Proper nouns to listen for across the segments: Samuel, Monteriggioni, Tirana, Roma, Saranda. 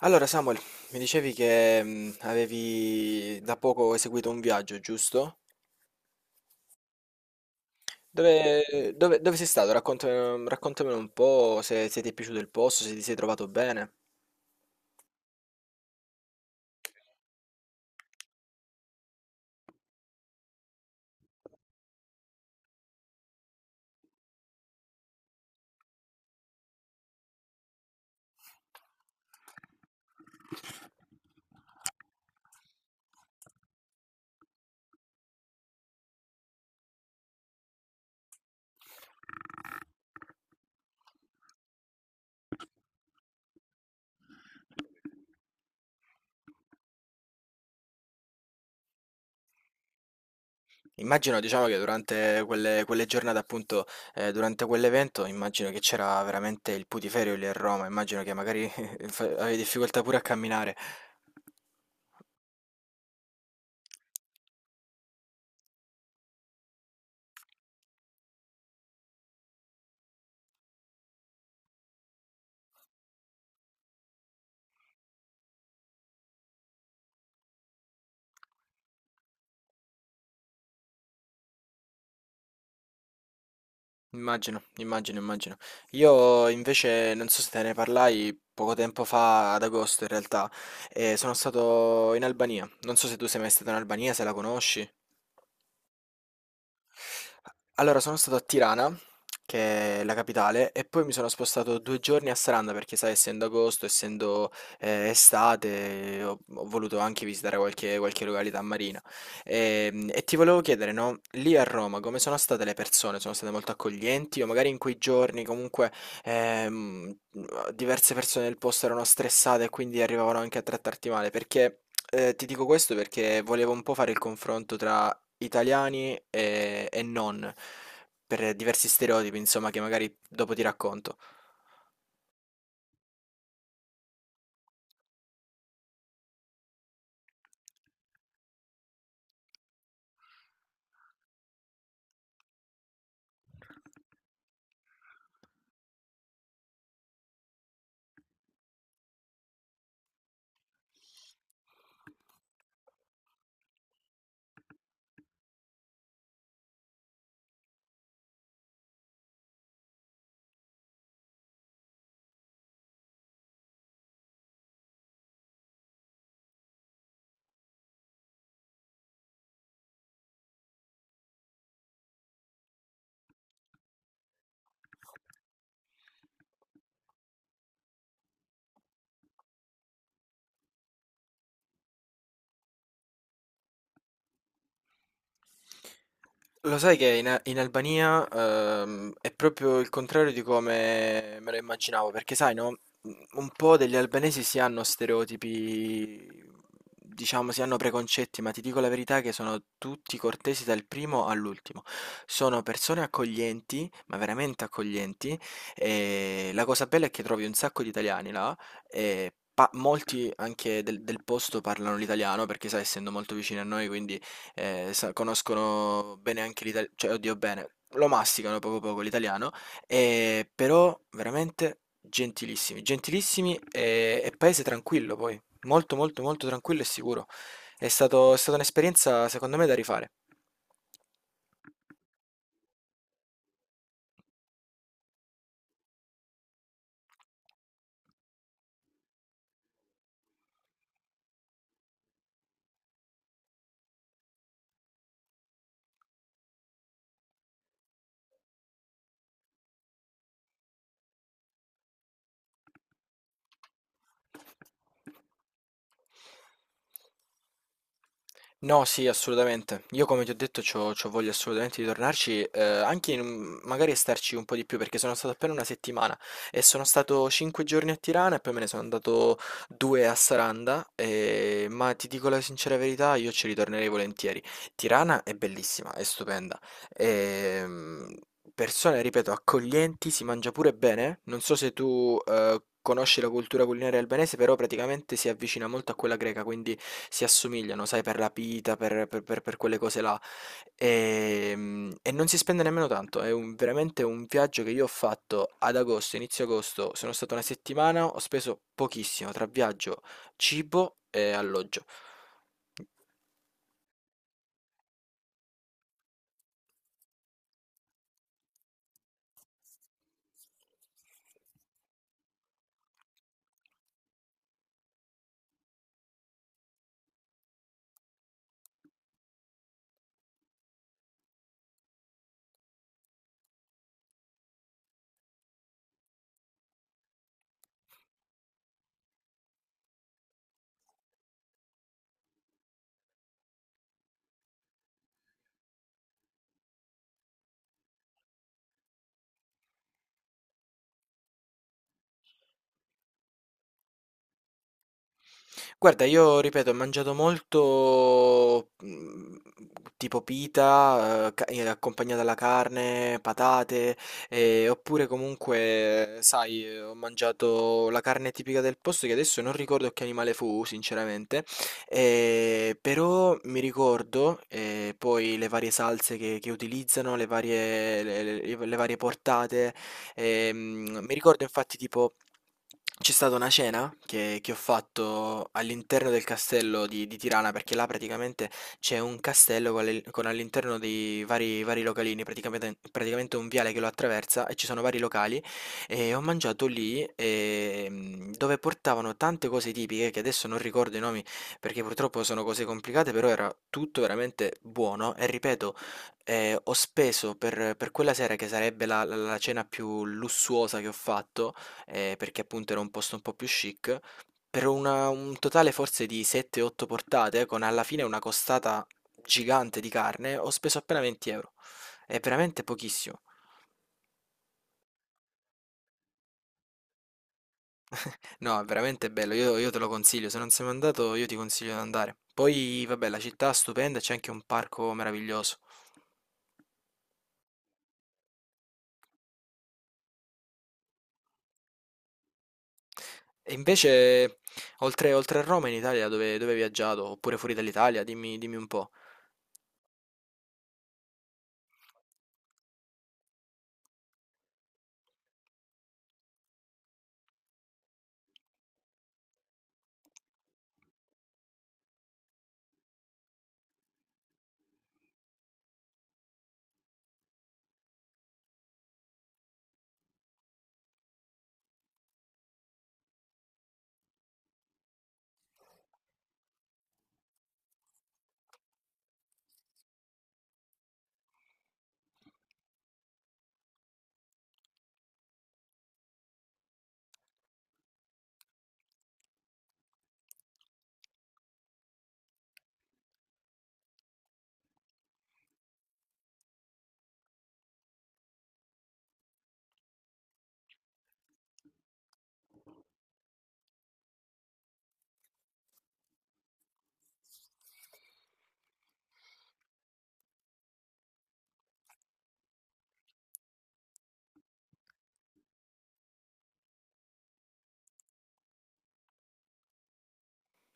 Allora, Samuel, mi dicevi che avevi da poco eseguito un viaggio, giusto? Dove sei stato? Raccontamelo un po', se ti è piaciuto il posto, se ti sei trovato bene. Immagino, diciamo, che durante quelle giornate, appunto, durante quell'evento, immagino che c'era veramente il putiferio lì a Roma, immagino che magari avevi difficoltà pure a camminare. Immagino, immagino, immagino. Io invece non so se te ne parlai poco tempo fa, ad agosto in realtà, e sono stato in Albania. Non so se tu sei mai stato in Albania, se la conosci. Allora, sono stato a Tirana, che è la capitale, e poi mi sono spostato 2 giorni a Saranda perché, sai, essendo agosto, essendo estate, ho voluto anche visitare qualche località marina. E, ti volevo chiedere, no, lì a Roma come sono state le persone? Sono state molto accoglienti o magari in quei giorni comunque ehm, diverse persone del posto erano stressate e quindi arrivavano anche a trattarti male? Ti dico questo perché volevo un po' fare il confronto tra italiani e non, per diversi stereotipi, insomma, che magari dopo ti racconto. Lo sai che in Albania è proprio il contrario di come me lo immaginavo, perché sai, no? Un po' degli albanesi si hanno stereotipi, diciamo, si hanno preconcetti, ma ti dico la verità che sono tutti cortesi dal primo all'ultimo. Sono persone accoglienti, ma veramente accoglienti, e la cosa bella è che trovi un sacco di italiani là, e molti anche del posto parlano l'italiano, perché sai, essendo molto vicini a noi, quindi conoscono bene anche l'italiano, cioè oddio bene, lo masticano poco poco l'italiano, però veramente gentilissimi, gentilissimi e paese tranquillo poi, molto molto molto tranquillo e sicuro. È stata un'esperienza secondo me da rifare. No, sì, assolutamente. Io come ti ho detto c'ho voglia assolutamente di tornarci, anche in magari starci un po' di più perché sono stato appena una settimana e sono stato 5 giorni a Tirana e poi me ne sono andato due a Saranda, ma ti dico la sincera verità, io ci ritornerei volentieri. Tirana è bellissima, è stupenda. ehm, Persone, ripeto, accoglienti, si mangia pure bene. Non so se tu conosci la cultura culinaria albanese, però praticamente si avvicina molto a quella greca, quindi si assomigliano, sai, per la pita, per quelle cose là. E non si spende nemmeno tanto. Veramente un viaggio che io ho fatto ad agosto, inizio agosto. Sono stato una settimana, ho speso pochissimo tra viaggio, cibo e alloggio. Guarda, io ripeto, ho mangiato molto, tipo pita, ca accompagnata alla carne, patate, oppure comunque sai, ho mangiato la carne tipica del posto che adesso non ricordo che animale fu sinceramente. Però mi ricordo, poi le varie salse che utilizzano, le varie portate. Mi ricordo infatti, tipo, c'è stata una cena che ho fatto all'interno del castello di Tirana, perché là praticamente c'è un castello con all'interno dei vari localini, praticamente un viale che lo attraversa, e ci sono vari locali, e ho mangiato lì, dove portavano tante cose tipiche che adesso non ricordo i nomi perché purtroppo sono cose complicate, però era tutto veramente buono. E ripeto, ho speso per quella sera, che sarebbe la cena più lussuosa che ho fatto, perché appunto era un posto un po' più chic, per una un totale forse di 7, 8 portate, con alla fine una costata gigante di carne, ho speso appena 20 €. È veramente pochissimo. No, è veramente bello, io te lo consiglio, se non sei mai andato io ti consiglio di andare. Poi vabbè, la città è stupenda e c'è anche un parco meraviglioso. E invece, oltre a Roma, in Italia dove hai viaggiato? Oppure fuori dall'Italia? Dimmi, dimmi un po'.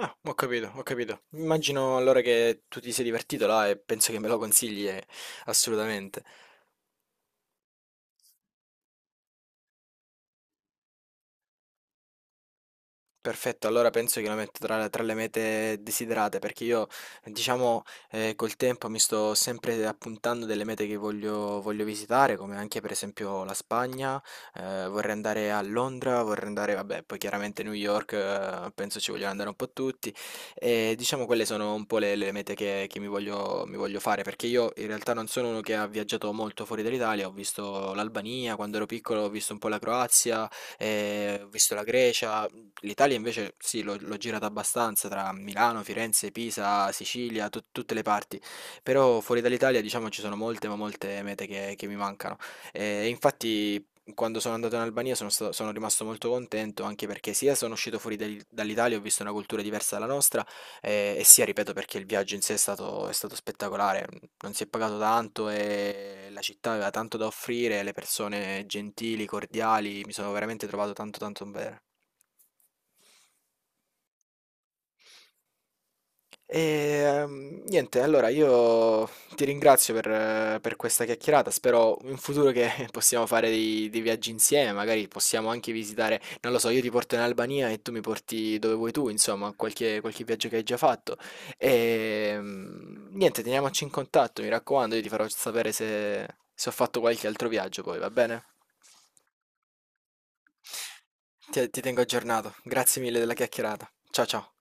Ah, ho capito, ho capito. Immagino allora che tu ti sei divertito là e penso che me lo consigli, assolutamente. Perfetto, allora penso che lo metto tra le mete desiderate perché io, diciamo, col tempo mi sto sempre appuntando delle mete che voglio visitare, come anche per esempio la Spagna, vorrei andare a Londra, vorrei andare, vabbè, poi chiaramente New York, penso ci vogliono andare un po' tutti, e diciamo quelle sono un po' le mete che mi voglio fare, perché io in realtà non sono uno che ha viaggiato molto fuori dall'Italia, ho visto l'Albania, quando ero piccolo ho visto un po' la Croazia, ho visto la Grecia. L'Italia invece sì, l'ho girata abbastanza tra Milano, Firenze, Pisa, Sicilia, tutte le parti, però fuori dall'Italia diciamo ci sono molte ma molte mete che mi mancano. E infatti quando sono andato in Albania sono rimasto molto contento, anche perché sia sono uscito fuori dall'Italia, ho visto una cultura diversa dalla nostra, e sia, ripeto, perché il viaggio in sé è stato spettacolare, non si è pagato tanto e la città aveva tanto da offrire, le persone gentili, cordiali, mi sono veramente trovato tanto tanto bene. E, Niente, allora io ti ringrazio per questa chiacchierata. Spero in futuro che possiamo fare dei viaggi insieme. Magari possiamo anche visitare, non lo so, io ti porto in Albania e tu mi porti dove vuoi tu, insomma, qualche viaggio che hai già fatto. Niente, teniamoci in contatto, mi raccomando, io ti farò sapere se ho fatto qualche altro viaggio poi, va bene? Ti tengo aggiornato. Grazie mille della chiacchierata. Ciao ciao.